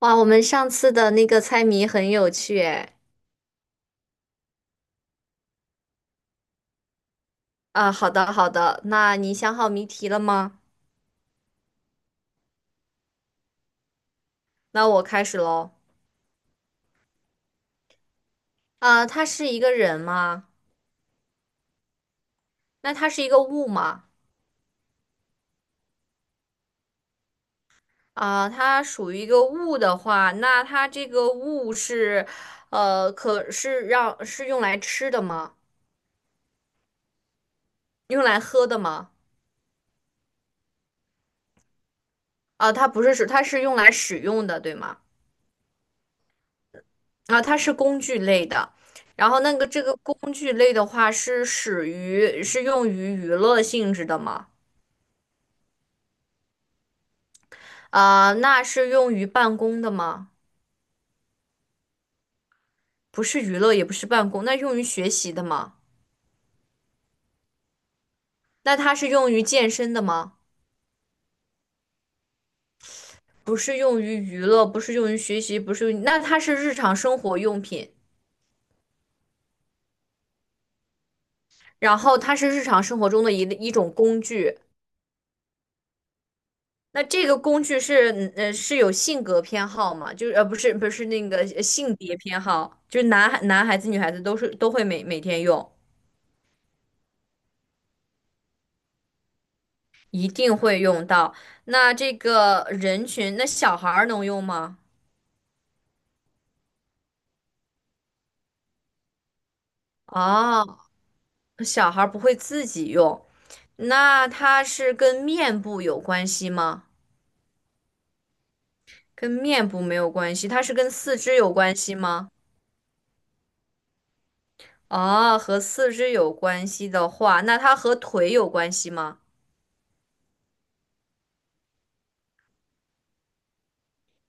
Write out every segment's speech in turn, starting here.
哇，我们上次的那个猜谜很有趣诶。啊，好的好的，那你想好谜题了吗？那我开始喽。啊，他是一个人吗？那他是一个物吗？啊，它属于一个物的话，那它这个物是，可是让是用来吃的吗？用来喝的吗？啊，它不是使，它是用来使用的，对吗？啊，它是工具类的。然后那个这个工具类的话，是使于是用于娱乐性质的吗？啊，那是用于办公的吗？不是娱乐，也不是办公，那用于学习的吗？那它是用于健身的吗？不是用于娱乐，不是用于学习，不是用于那它是日常生活用品，然后它是日常生活中的一种工具。那这个工具是，是有性格偏好吗？就是，不是，不是那个性别偏好，就是男孩子、女孩子都是都会每天用，一定会用到。那这个人群，那小孩儿能用吗？啊。小孩儿不会自己用，那它是跟面部有关系吗？跟面部没有关系，它是跟四肢有关系吗？哦，和四肢有关系的话，那它和腿有关系吗？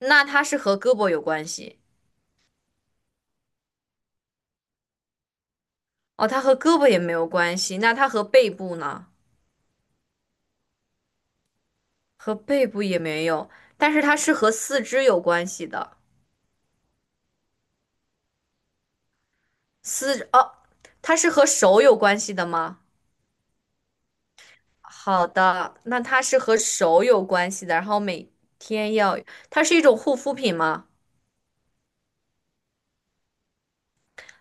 那它是和胳膊有关系。哦，它和胳膊也没有关系，那它和背部呢？和背部也没有，但是它是和四肢有关系的。四，哦，它是和手有关系的吗？好的，那它是和手有关系的，然后每天要，它是一种护肤品吗？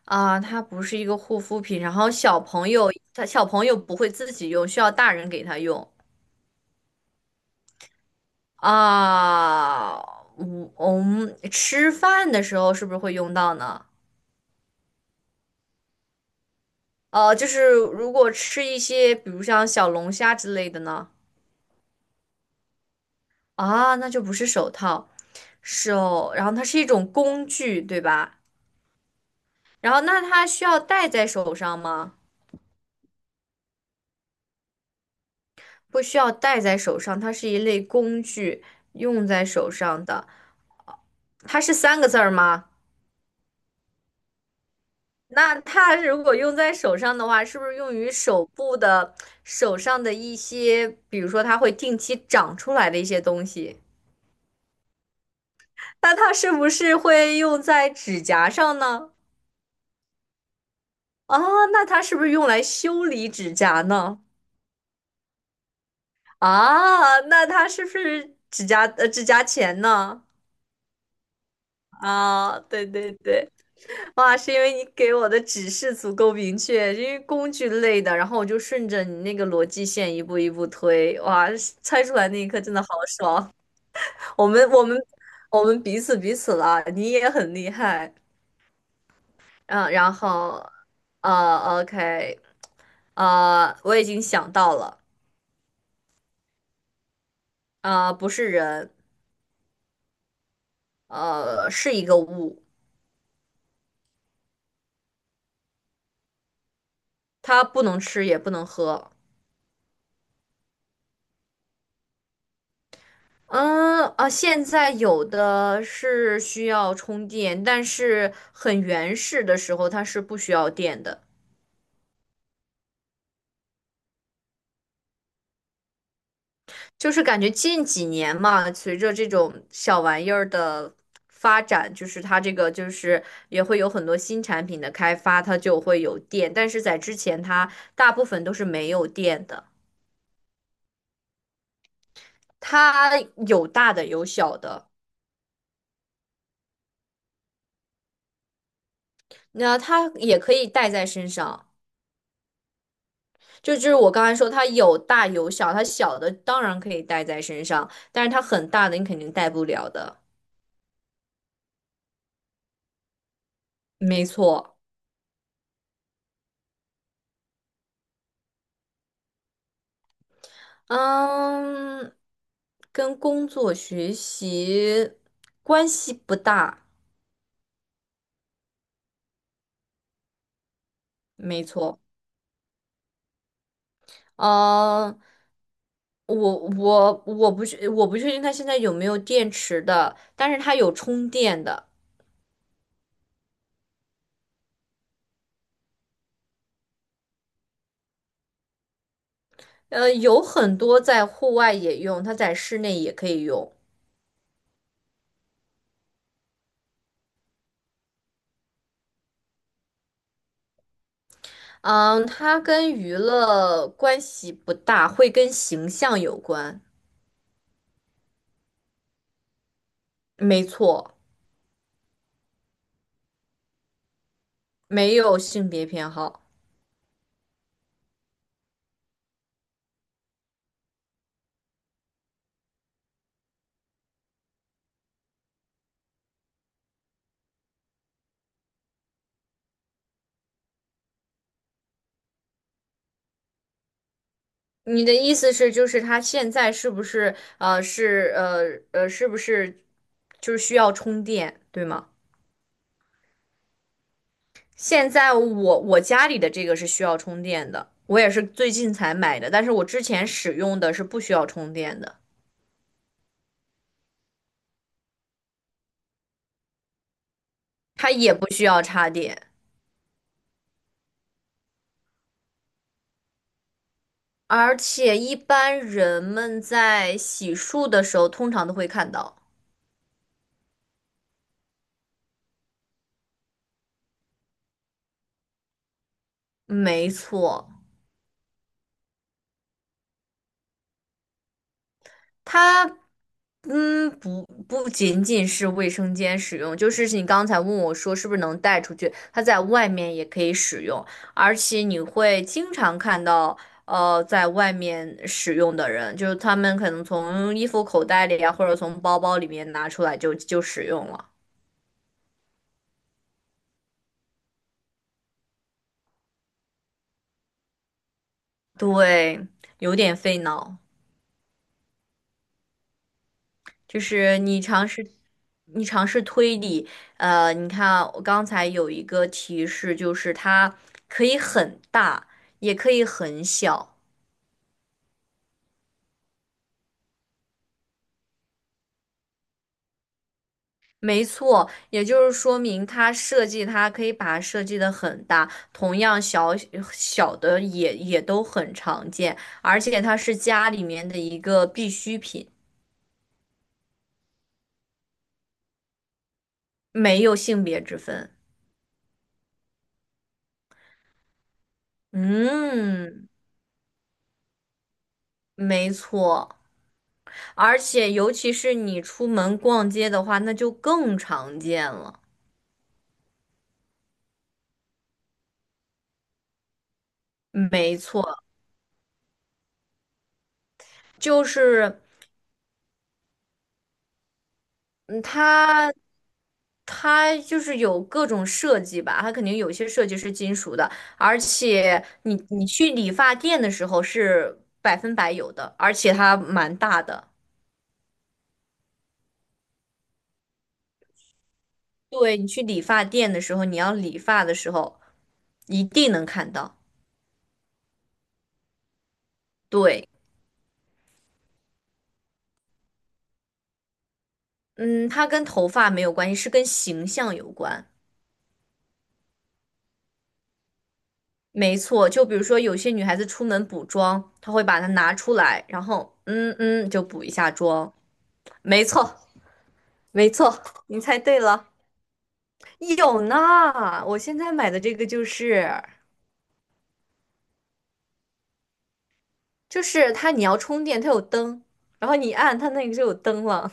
啊，它不是一个护肤品，然后小朋友，他小朋友不会自己用，需要大人给他用啊。嗯，我们吃饭的时候是不是会用到呢？就是如果吃一些，比如像小龙虾之类的呢？啊，那就不是手套，手，然后它是一种工具，对吧？然后那它需要戴在手上吗？不需要戴在手上，它是一类工具，用在手上的。它是三个字儿吗？那它如果用在手上的话，是不是用于手部的手上的一些，比如说它会定期长出来的一些东西？那它是不是会用在指甲上呢？啊，那它是不是用来修理指甲呢？啊，那它是不是指甲指甲钳呢？啊，对对对。哇，是因为你给我的指示足够明确，因为工具类的，然后我就顺着你那个逻辑线一步一步推，哇，猜出来那一刻真的好爽。我们我们我们彼此彼此了，你也很厉害。嗯，然后OK，我已经想到了，不是人，是一个物，它不能吃也不能喝。现在有的是需要充电，但是很原始的时候它是不需要电的。就是感觉近几年嘛，随着这种小玩意儿的发展，就是它这个就是也会有很多新产品的开发，它就会有电，但是在之前它大部分都是没有电的。它有大的有小的，那它也可以带在身上。就是我刚才说，它有大有小，它小的当然可以带在身上，但是它很大的你肯定带不了的。没错，嗯，跟工作学习关系不大，没错，嗯，我我不确定它现在有没有电池的，但是它有充电的，有很多在户外也用，它在室内也可以用。嗯，它跟娱乐关系不大，会跟形象有关。没错，没有性别偏好。你的意思是，就是它现在是不是就是需要充电，对吗？现在我家里的这个是需要充电的，我也是最近才买的，但是我之前使用的是不需要充电的，它也不需要插电。而且一般人们在洗漱的时候，通常都会看到。没错，它，嗯，不仅仅是卫生间使用，就是你刚才问我说是不是能带出去，它在外面也可以使用，而且你会经常看到，在外面使用的人，就是他们可能从衣服口袋里啊，或者从包包里面拿出来就使用了，对，有点费脑。就是你尝试，你尝试推理，你看啊我刚才有一个提示，就是它可以很大，也可以很小。没错，也就是说明它设计，它可以把它设计的很大，同样小小的也都很常见，而且它是家里面的一个必需品，没有性别之分。嗯，没错。而且尤其是你出门逛街的话，那就更常见了。没错，就是嗯，它就是有各种设计吧，它肯定有些设计是金属的，而且你去理发店的时候是百分百有的，而且它蛮大的。对，你去理发店的时候，你要理发的时候一定能看到。对，嗯，它跟头发没有关系，是跟形象有关。没错，就比如说有些女孩子出门补妆，她会把它拿出来，然后就补一下妆。没错，没错，你猜对了。有呢，我现在买的这个就是，就是它你要充电，它有灯，然后你一按它那个就有灯了。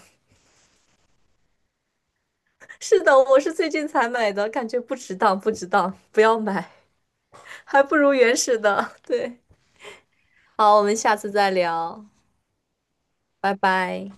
是的，我是最近才买的，感觉不值当，不值当，不要买，还不如原始的。对，好，我们下次再聊，拜拜。